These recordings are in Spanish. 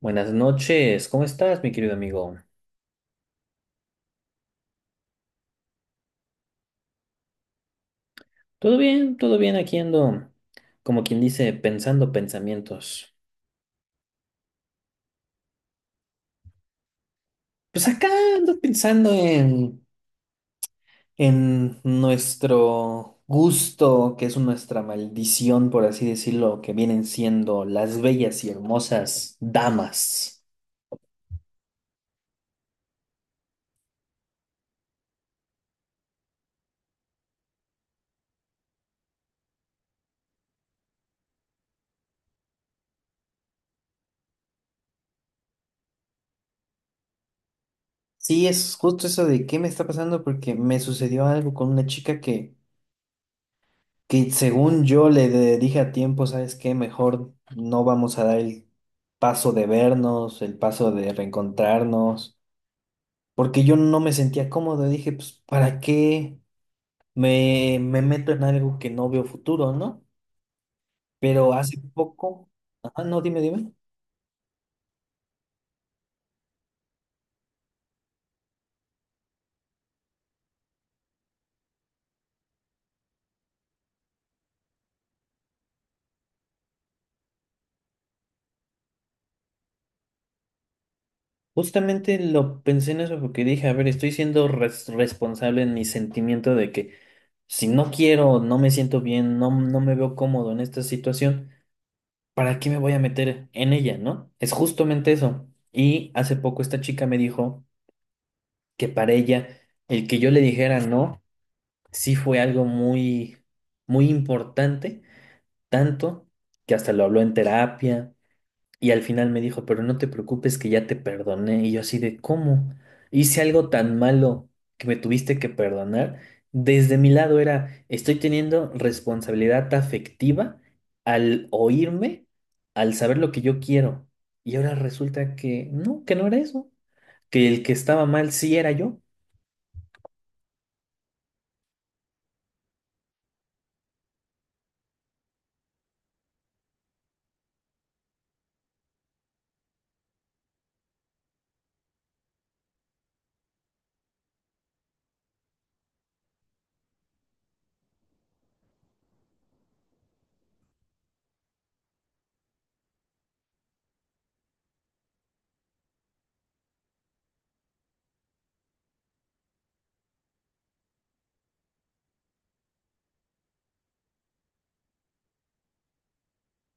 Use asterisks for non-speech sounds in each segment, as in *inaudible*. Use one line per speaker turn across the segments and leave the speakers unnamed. Buenas noches, ¿cómo estás, mi querido amigo? ¿Todo bien? ¿Todo bien? Aquí ando, como quien dice, pensando pensamientos. Pues acá ando pensando en nuestro gusto, que es nuestra maldición, por así decirlo, que vienen siendo las bellas y hermosas damas. Sí, es justo eso de qué me está pasando porque me sucedió algo con una chica que según yo le dije a tiempo. ¿Sabes qué? Mejor no vamos a dar el paso de vernos, el paso de reencontrarnos, porque yo no me sentía cómodo. Dije, pues, ¿para qué me meto en algo que no veo futuro, no? Pero hace poco, ajá. No, dime, dime. Justamente lo pensé en eso porque dije, a ver, estoy siendo responsable en mi sentimiento de que si no quiero, no me siento bien, no, no me veo cómodo en esta situación. ¿Para qué me voy a meter en ella, no? Es justamente eso. Y hace poco esta chica me dijo que para ella el que yo le dijera no sí fue algo muy, muy importante, tanto que hasta lo habló en terapia. Y al final me dijo, pero no te preocupes que ya te perdoné. Y yo así de, ¿cómo? Hice algo tan malo que me tuviste que perdonar. Desde mi lado era, estoy teniendo responsabilidad afectiva al oírme, al saber lo que yo quiero. Y ahora resulta que no era eso, que el que estaba mal sí era yo.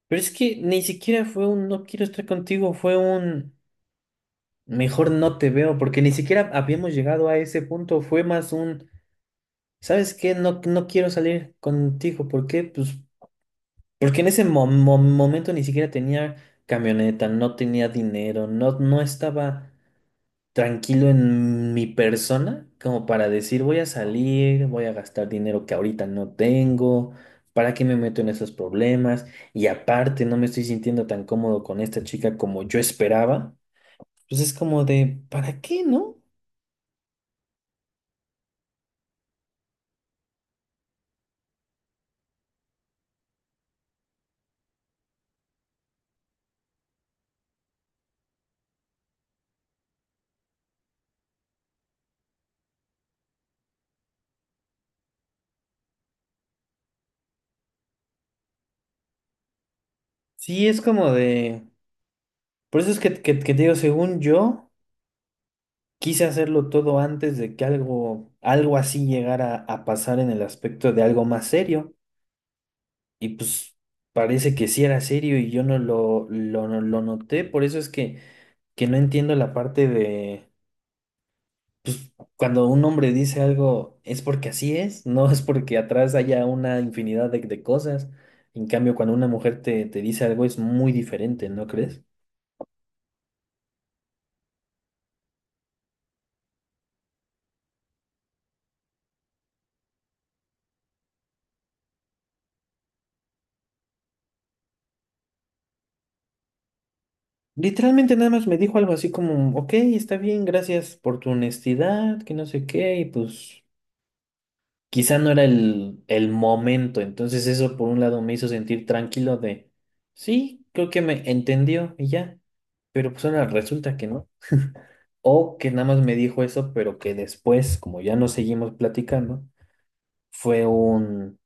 Pero es que ni siquiera fue un no quiero estar contigo, fue un mejor no te veo, porque ni siquiera habíamos llegado a ese punto, fue más un... ¿Sabes qué? No, no quiero salir contigo. ¿Por qué? Pues porque en ese momento ni siquiera tenía camioneta, no tenía dinero, no, no estaba tranquilo en mi persona como para decir voy a salir, voy a gastar dinero que ahorita no tengo. ¿Para qué me meto en esos problemas? Y aparte no me estoy sintiendo tan cómodo con esta chica como yo esperaba. Pues es como de, ¿para qué, no? Sí, es como de... Por eso es que, que te digo, según yo... Quise hacerlo todo antes de que algo, algo así llegara a pasar en el aspecto de algo más serio. Y pues parece que sí era serio y yo no no lo noté. Por eso es que no entiendo la parte de cuando un hombre dice algo es porque así es, *laughs* no es porque atrás haya una infinidad de cosas. En cambio, cuando una mujer te dice algo es muy diferente, ¿no crees? Literalmente nada más me dijo algo así como, ok, está bien, gracias por tu honestidad, que no sé qué, y pues... quizá no era el momento. Entonces eso por un lado me hizo sentir tranquilo de, sí, creo que me entendió y ya. Pero pues ahora resulta que no. O que nada más me dijo eso, pero que después, como ya no seguimos platicando, fue un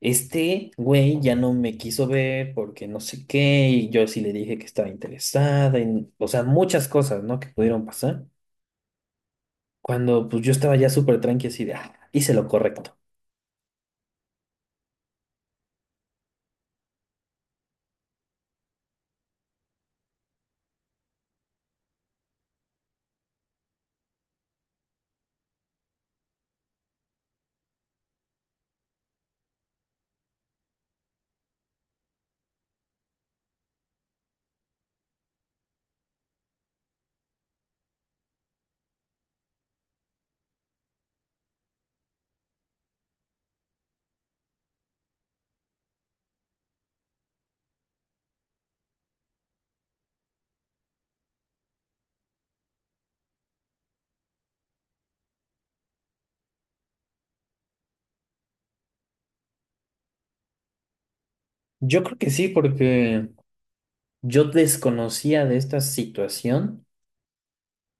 este güey ya no me quiso ver porque no sé qué, y yo sí le dije que estaba interesada, en, o sea, muchas cosas, ¿no? Que pudieron pasar. Cuando pues yo estaba ya súper tranqui así de, ah, hice lo correcto. Yo creo que sí, porque... Yo desconocía de esta situación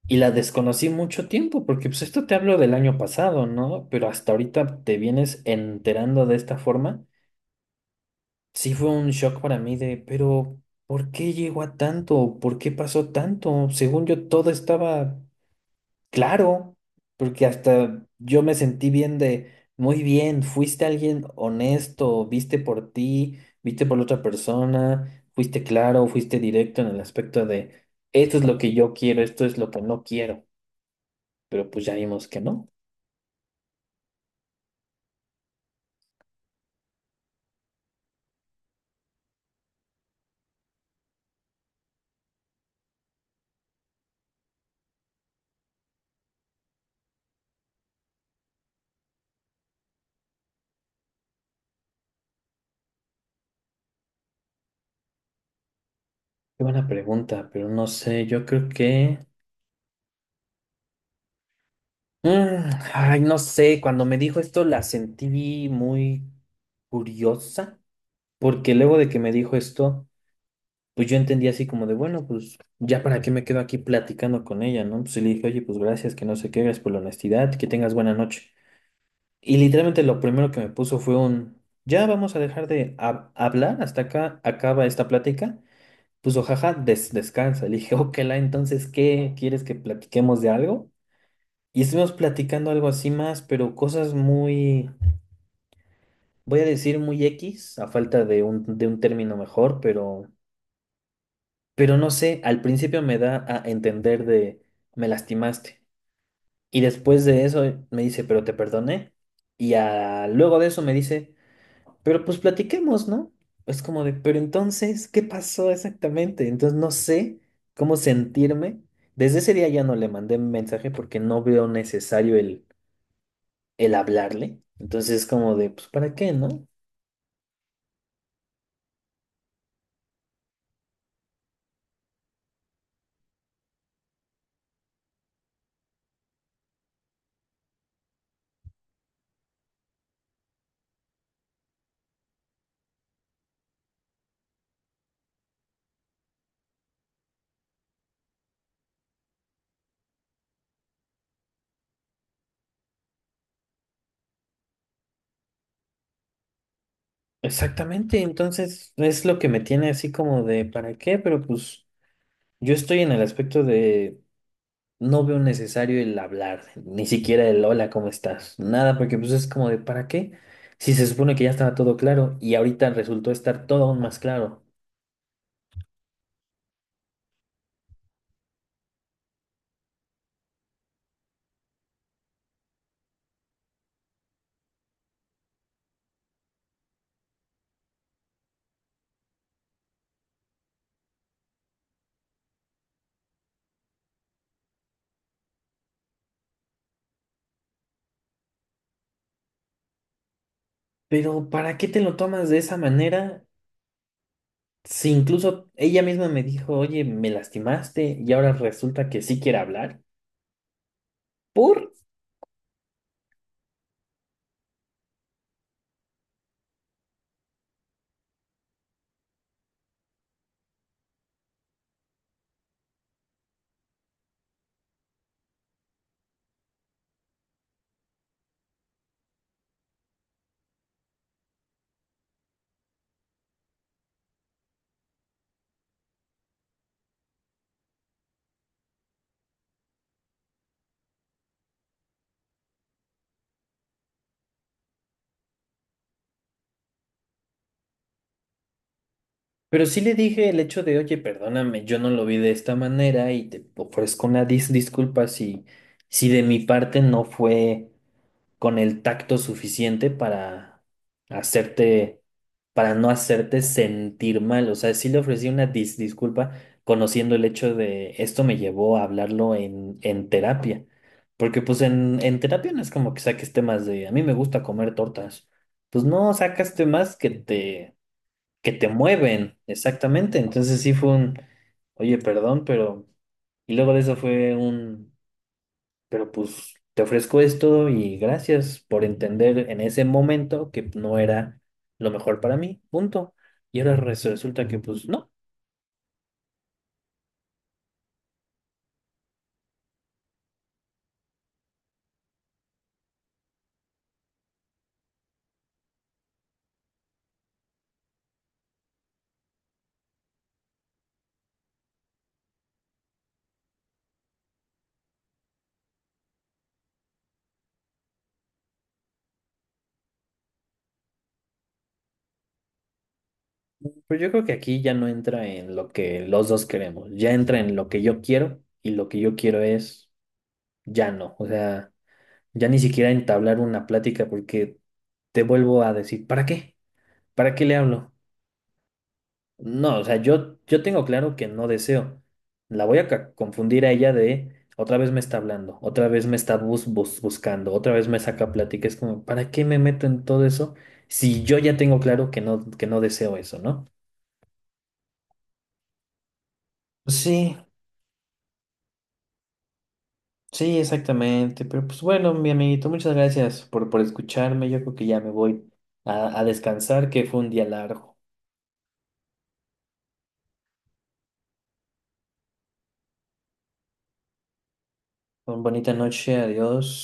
y la desconocí mucho tiempo, porque pues esto te hablo del año pasado, ¿no? Pero hasta ahorita te vienes enterando de esta forma. Sí fue un shock para mí de, pero ¿por qué llegó a tanto? ¿Por qué pasó tanto? Según yo todo estaba claro, porque hasta yo me sentí bien de, muy bien, fuiste alguien honesto, viste por ti, viste por la otra persona, fuiste claro, fuiste directo en el aspecto de, esto es lo que yo quiero, esto es lo que no quiero, pero pues ya vimos que no. Qué buena pregunta, pero no sé, yo creo que... Mm, ay, no sé, cuando me dijo esto la sentí muy curiosa, porque luego de que me dijo esto... pues yo entendí así como de, bueno, pues ya para qué me quedo aquí platicando con ella, ¿no? Pues y le dije, oye, pues gracias, que no sé qué, gracias por la honestidad, que tengas buena noche. Y literalmente lo primero que me puso fue un, ya vamos a dejar de hablar, hasta acá acaba esta plática. Puso, jaja, descansa. Le dije, *laughs* ok, la, entonces, ¿qué? ¿Quieres que platiquemos de algo? Y estuvimos platicando algo así más, pero cosas muy, voy a decir muy X, a falta de un término mejor, pero... Pero no sé, al principio me da a entender de me lastimaste. Y después de eso me dice, pero te perdoné. Y a- luego de eso me dice, pero pues platiquemos, ¿no? Es como de, pero entonces, ¿qué pasó exactamente? Entonces no sé cómo sentirme. Desde ese día ya no le mandé mensaje porque no veo necesario el hablarle. Entonces es como de, pues ¿para qué, no? Exactamente, entonces es lo que me tiene así como de, ¿para qué? Pero pues... Yo estoy en el aspecto de no veo necesario el hablar, ni siquiera el hola, ¿cómo estás? Nada, porque pues es como de, ¿para qué? Si se supone que ya estaba todo claro y ahorita resultó estar todo aún más claro. Pero ¿para qué te lo tomas de esa manera? Si incluso ella misma me dijo, oye, me lastimaste y ahora resulta que sí quiere hablar. ¿Por? Pero sí le dije el hecho de, oye, perdóname, yo no lo vi de esta manera y te ofrezco una disculpa si, si de mi parte no fue con el tacto suficiente para hacerte, para no hacerte sentir mal. O sea, sí le ofrecí una disculpa conociendo el hecho de esto me llevó a hablarlo en terapia. Porque pues en terapia no es como que saques temas de a mí me gusta comer tortas. Pues no, sacas temas que te mueven, exactamente. Entonces sí fue un, oye, perdón, pero... Y luego de eso fue un pero pues te ofrezco esto y gracias por entender en ese momento que no era lo mejor para mí, punto. Y ahora resulta que pues no, pero yo creo que aquí ya no entra en lo que los dos queremos, ya entra en lo que yo quiero y lo que yo quiero es ya no, o sea, ya ni siquiera entablar una plática porque te vuelvo a decir, ¿para qué? ¿Para qué le hablo? No, o sea, yo tengo claro que no deseo. La voy a confundir a ella de otra vez me está hablando, otra vez me está buscando, otra vez me saca plática. Es como, ¿para qué me meto en todo eso si yo ya tengo claro que no deseo eso, ¿no? Sí, sí, exactamente. Pero pues bueno, mi amiguito, muchas gracias por escucharme. Yo creo que ya me voy a descansar, que fue un día largo. Una bonita noche, adiós.